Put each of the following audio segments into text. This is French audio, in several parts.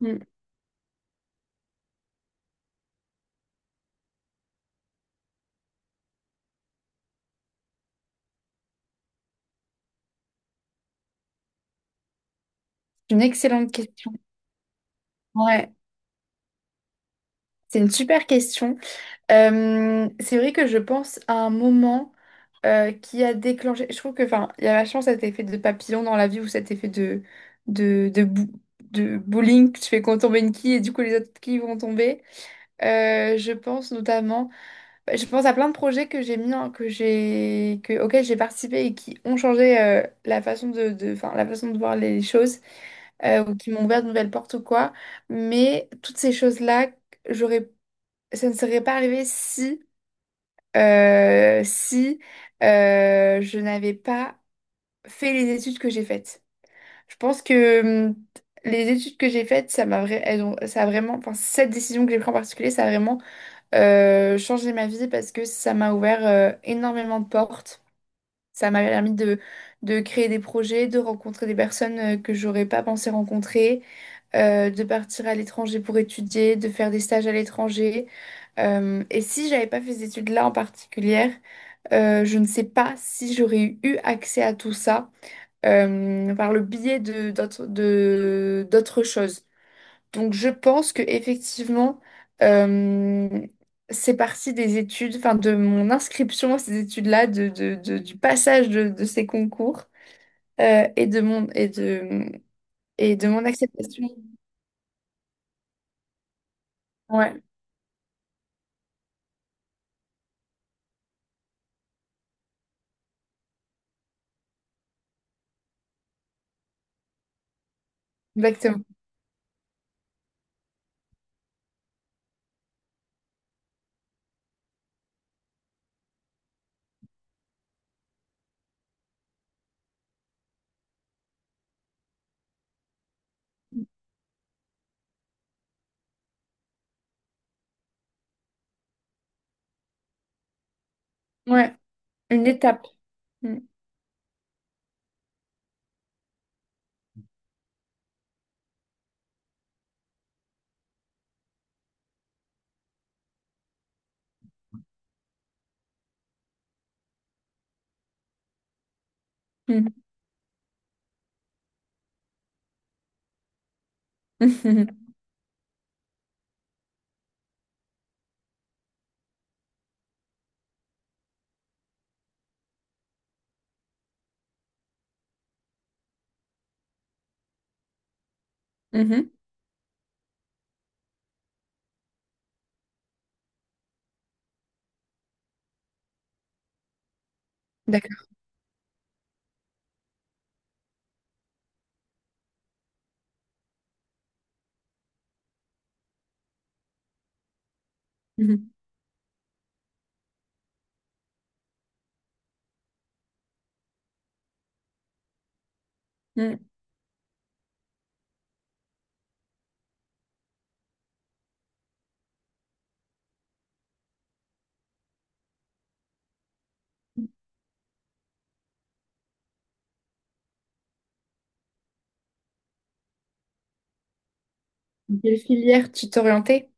Mm. C'est une excellente question. Ouais, c'est une super question. C'est vrai que je pense à un moment qui a déclenché. Je trouve que, enfin, il y a vachement cet effet de papillon dans la vie ou cet effet de de de, bou- de bowling. Tu fais qu'on tombe une quille et du coup les autres quilles vont tomber. Je pense notamment, bah, je pense à plein de projets que j'ai mis, en- que j'ai, que, auxquels j'ai participé et qui ont changé la façon enfin, la façon de voir les choses, ou qui m'ont ouvert de nouvelles portes ou quoi. Mais toutes ces choses-là, j'aurais, ça ne serait pas arrivé si, euh, si je n'avais pas fait les études que j'ai faites. Je pense que hum, les études que j'ai faites, ça m'a, vra- elles ont- ça a vraiment, enfin, cette décision que j'ai prise en particulier, ça a vraiment changer ma vie parce que ça m'a ouvert énormément de portes. Ça m'a permis de créer des projets, de rencontrer des personnes que j'aurais pas pensé rencontrer, de partir à l'étranger pour étudier, de faire des stages à l'étranger. Et si j'avais pas fait ces études-là en particulier, je ne sais pas si j'aurais eu accès à tout ça par le biais d'autres choses. Donc je pense que effectivement euh, c'est parti des études, enfin de mon inscription à ces études-là, du passage de ces concours euh, et de mon et de et de mon acceptation. Ouais, exactement. Ouais, une étape. Mm. Mm. Mhm. Mhm. D'accord. Mhm. Mm. Quelle filière tu t'orientais?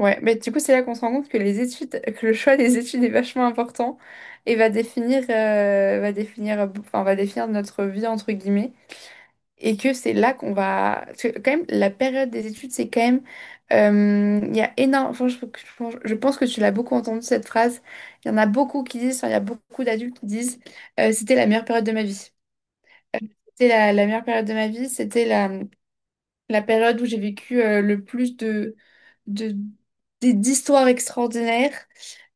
Ouais, mais du coup, c'est là qu'on se rend compte que les études, que le choix des études est vachement important et enfin, va définir notre vie, entre guillemets. Et que c'est là qu'on va. Parce que, quand même, la période des études, c'est quand même. Il y a énorme. Enfin, je pense que tu l'as beaucoup entendu cette phrase. Il y en a beaucoup qui disent, enfin, il y a beaucoup d'adultes qui disent c'était la meilleure période de ma vie. C'était la meilleure période de ma vie. C'était la période où j'ai vécu le plus de, d'histoires extraordinaires.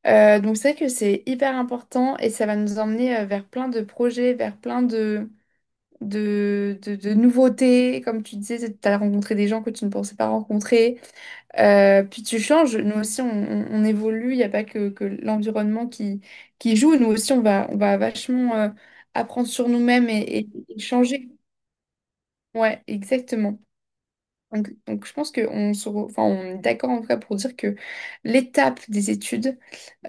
Donc c'est vrai que c'est hyper important et ça va nous emmener vers plein de projets, vers plein de nouveautés. Comme tu disais, tu as rencontré des gens que tu ne pensais pas rencontrer. Puis tu changes. Nous aussi, on évolue. Il n'y a pas que l'environnement qui joue. Nous aussi, on va vachement apprendre sur nous-mêmes et changer. Ouais, exactement. Donc, je pense qu'on enfin, on est d'accord en tout cas pour dire que l'étape des études,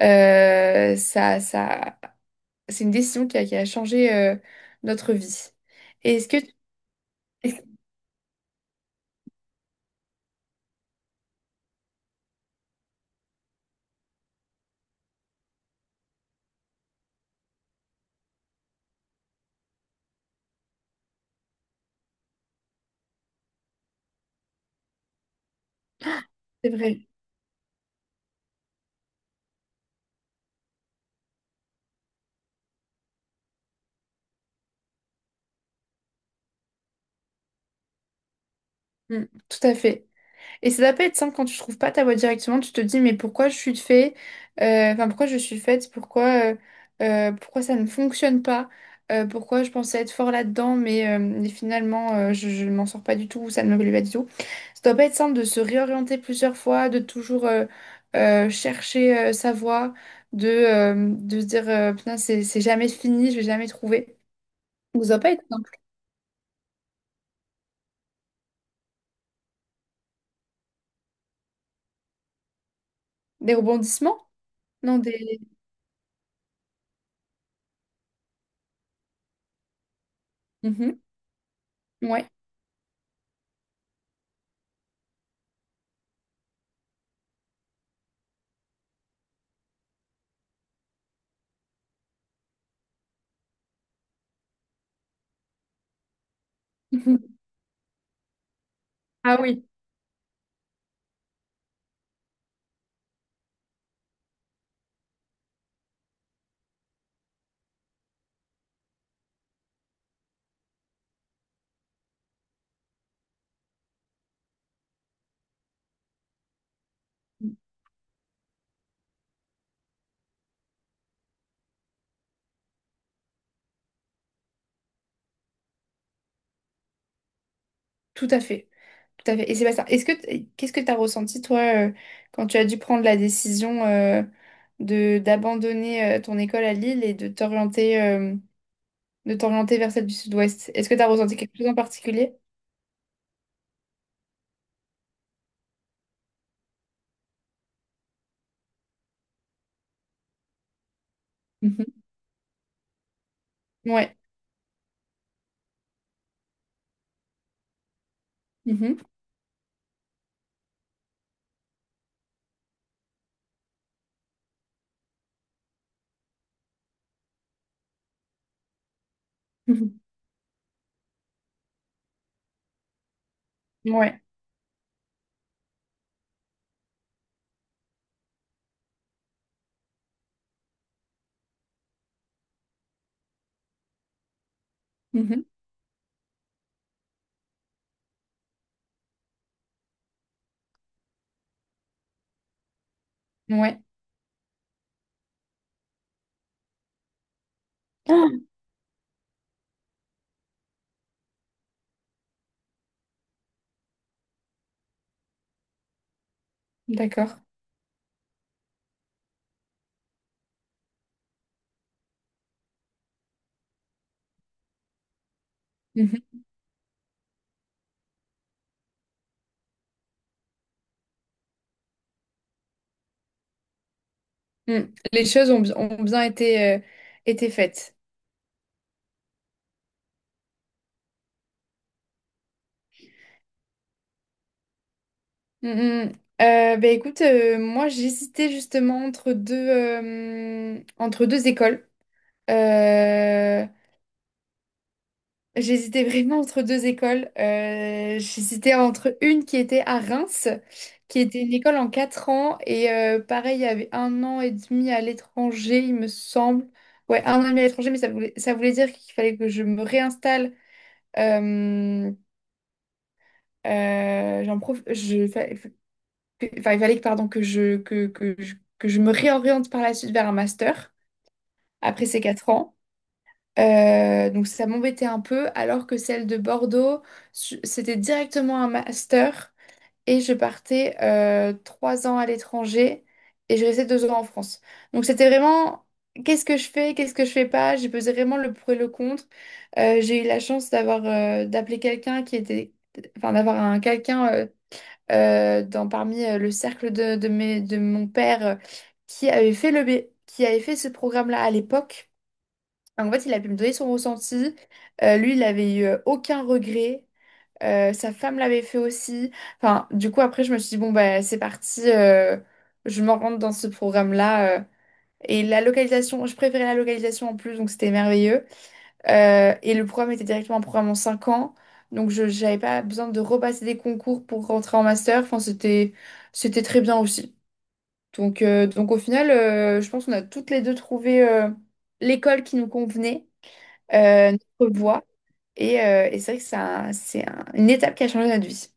ça, ça c'est une décision qui a changé notre vie. Et est-ce que c'est vrai? Mm, tout à fait. Et ça doit pas être simple quand tu trouves pas ta voie directement, tu te dis mais pourquoi je suis fait, enfin pourquoi je suis faite, pourquoi ça ne fonctionne pas, pourquoi je pensais être fort là-dedans, mais finalement je ne m'en sors pas du tout, ou ça ne me plaît pas du tout. Ça doit pas être simple de se réorienter plusieurs fois, de toujours chercher sa voie, de se dire putain c'est jamais fini, je vais jamais trouver. Donc, ça va pas être simple. Des rebondissements? Non, des... Mhm, ouais. Mhm. Ah oui, tout à fait. Tout à fait. Et c'est pas ça. Qu'est-ce que tu as ressenti, toi, euh, quand tu as dû prendre la décision de d'abandonner ton école à Lille et de t'orienter vers celle du Sud-Ouest? Est-ce que tu as ressenti quelque chose en particulier? Mhm. Ouais. Mhm. Mhm. Ouais. Mhm. Ouais. Ah, d'accord. Mhm. Mm. Les choses ont bien été, été faites. Mm, mm. Bah, écoute, moi j'hésitais justement entre deux écoles. Euh, J'hésitais vraiment entre deux écoles. J'hésitais entre une qui était à Reims, qui était une école en 4 ans, et pareil, il y avait 1 an et demi à l'étranger, il me semble. Ouais, 1 an et demi à l'étranger, mais ça voulait dire qu'il fallait que je me réinstalle. Euh, j'en prof... je... que- enfin, il fallait pardon, que je me réoriente par la suite vers un master après ces 4 ans. Donc ça m'embêtait un peu, alors que celle de Bordeaux, c'était directement un master et je partais 3 ans à l'étranger et je restais 2 ans en France. Donc c'était vraiment qu'est-ce que je fais, qu'est-ce que je fais pas, j'ai pesé vraiment le pour et le contre. J'ai eu la chance d'avoir d'appeler quelqu'un qui était, enfin d'avoir un quelqu'un parmi le cercle de mon père, qui avait fait ce programme-là à l'époque. En fait, il a pu me donner son ressenti. Lui, il avait eu aucun regret. Sa femme l'avait fait aussi. Enfin, du coup, après, je me suis dit, bon, bah, c'est parti, je m'en rentre dans ce programme-là. Et la localisation, je préférais la localisation en plus, donc c'était merveilleux. Et le programme était directement un programme en 5 ans. Donc, je n'avais pas besoin de repasser des concours pour rentrer en master. Enfin, c'était, c'était, très bien aussi. Donc, au final, je pense qu'on a toutes les deux trouvé l'école qui nous convenait, euh, notre voie. Et c'est vrai que une étape qui a changé notre vie.